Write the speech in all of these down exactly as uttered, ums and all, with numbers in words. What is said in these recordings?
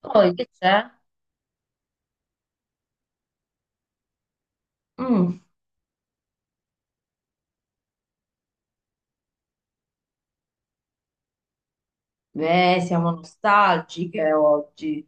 Poi che c'è? Mm, beh, siamo nostalgiche oggi.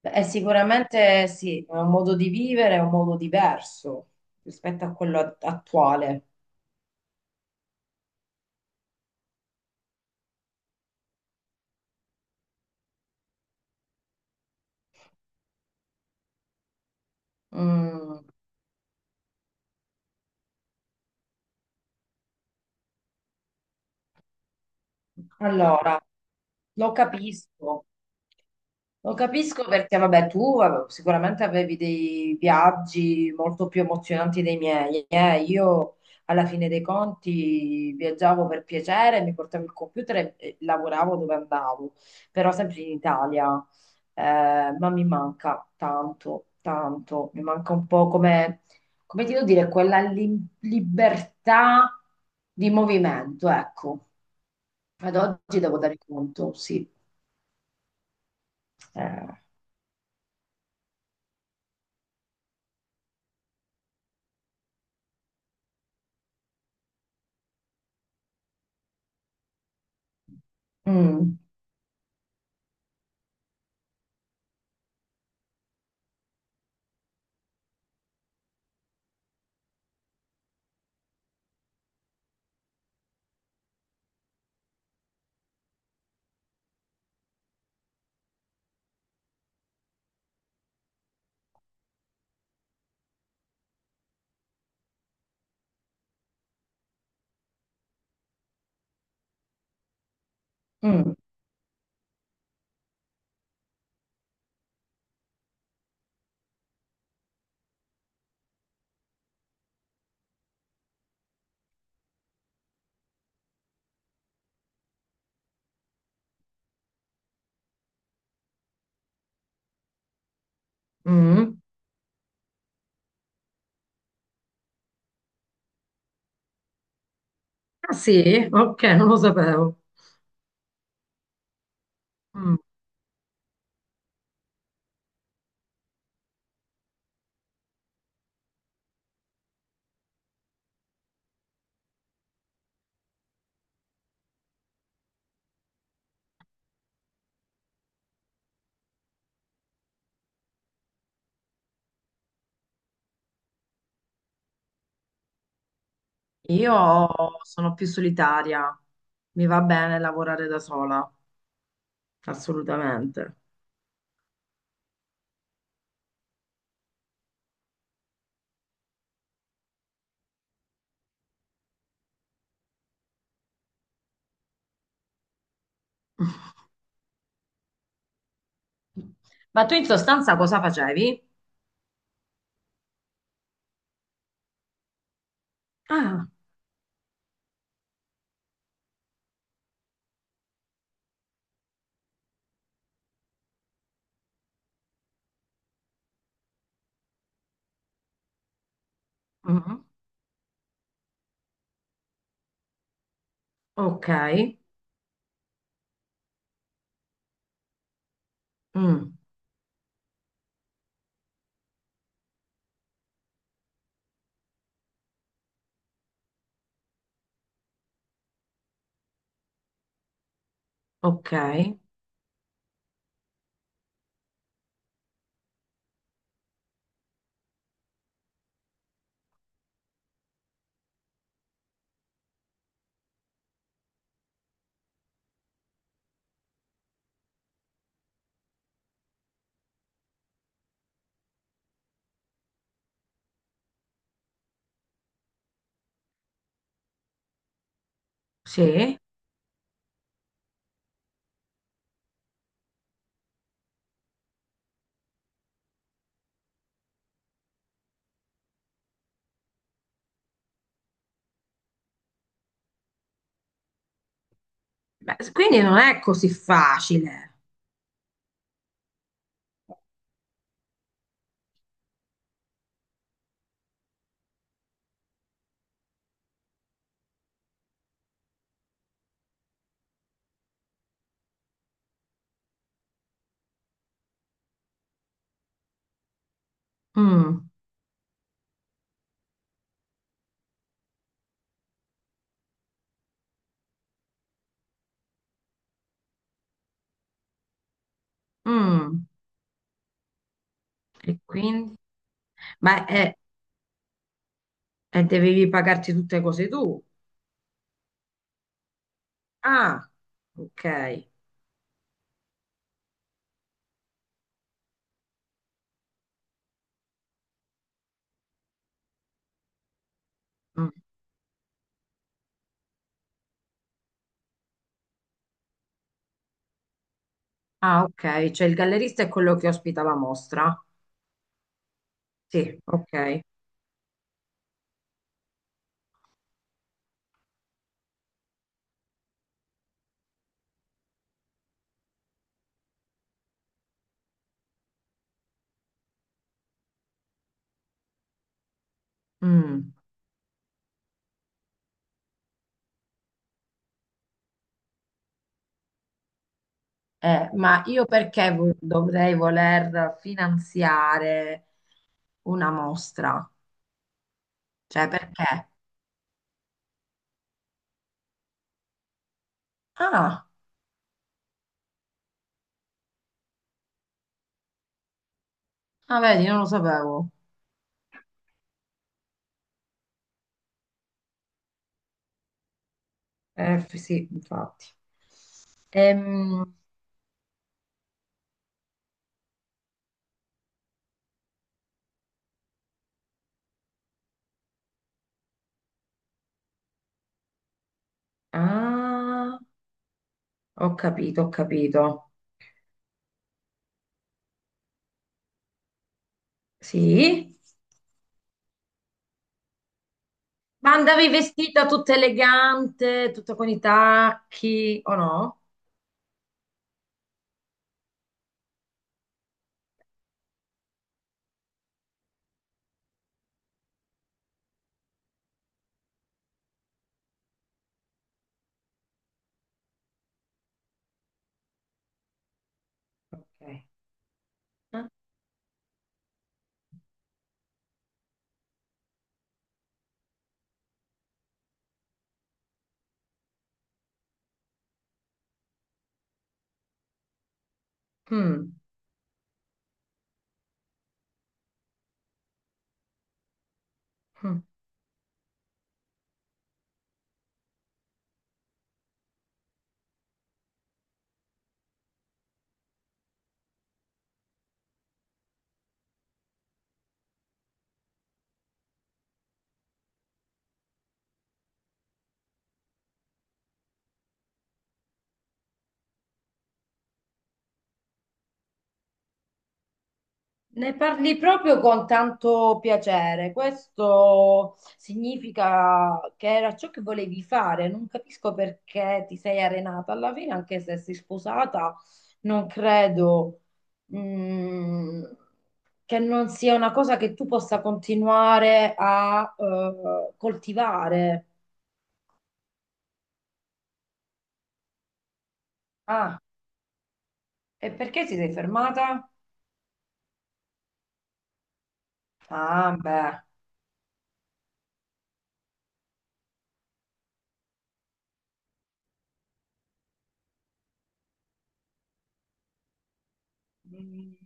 Beh, sicuramente sì, è un modo di vivere, è un modo diverso rispetto a quello at- attuale. Mm, allora, lo capisco. Lo capisco perché, vabbè, tu eh, sicuramente avevi dei viaggi molto più emozionanti dei miei, eh. Io, alla fine dei conti, viaggiavo per piacere, mi portavo il computer e e lavoravo dove andavo, però sempre in Italia. Eh, ma mi manca tanto, tanto. Mi manca un po' come, come ti devo dire, quella li- libertà di movimento, ecco. Ad oggi devo dare conto, sì. Eh, mm. Mm, mm. Ah sì? Ok, non lo sapevo. Mm. Io sono più solitaria, mi va bene lavorare da sola, assolutamente. Ma tu in sostanza cosa facevi? Ah, mm. Ok, mm. Ok, sì. Beh, quindi non è così facile. Mm, mm. E quindi? Ma e e dovevi pagarti tutte cose tu? Ah, ok. Mm. Ah, ok, cioè il gallerista è quello che ospita la mostra. Sì, ok. Mm. Eh, ma io perché vo- dovrei voler finanziare una mostra? Cioè, perché? Ah, ah, vedi, non lo sapevo. Eh, f- sì, infatti. Ehm, ah, ho capito, ho capito. Sì? Ma andavi vestita tutta elegante, tutta con i tacchi, o no? Ok. Eh? Mm. Ne parli proprio con tanto piacere. Questo significa che era ciò che volevi fare. Non capisco perché ti sei arenata alla fine, anche se sei sposata, non credo, mm, che non sia una cosa che tu possa continuare a, eh, coltivare. Ah, e perché ti sei fermata? Ah, beh. Mm,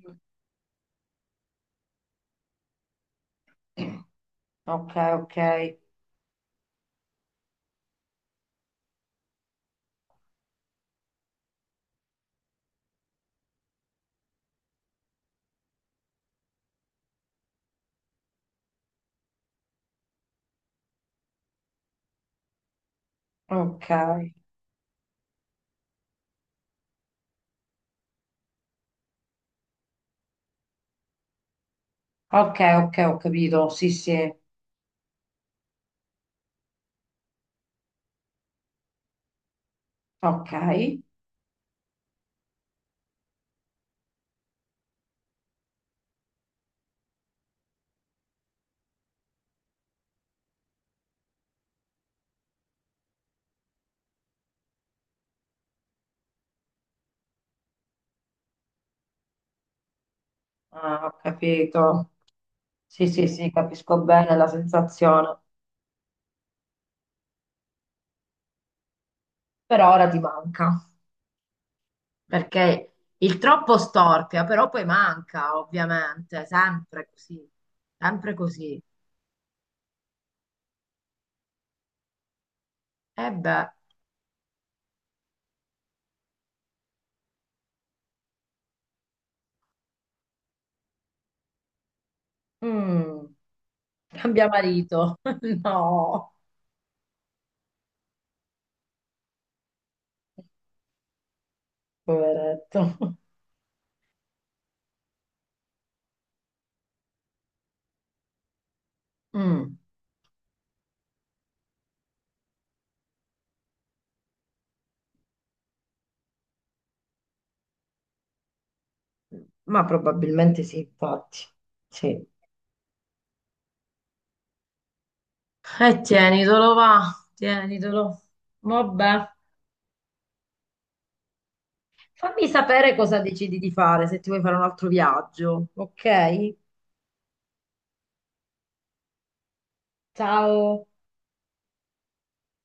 ok, ok, ok. Ok, ok, ho capito. Sì, sì, ok. Ah, ho capito. Sì, sì, sì, capisco bene la sensazione. Però ora ti manca, perché il troppo storpia, però poi manca, ovviamente, sempre così, sempre così. E beh, mm, cambia marito. No, poveretto. Mm, ma probabilmente sì, infatti. Sì. E tienitelo, va, tienitelo. Vabbè. Fammi sapere cosa decidi di fare, se ti vuoi fare un altro viaggio, ok? Ciao.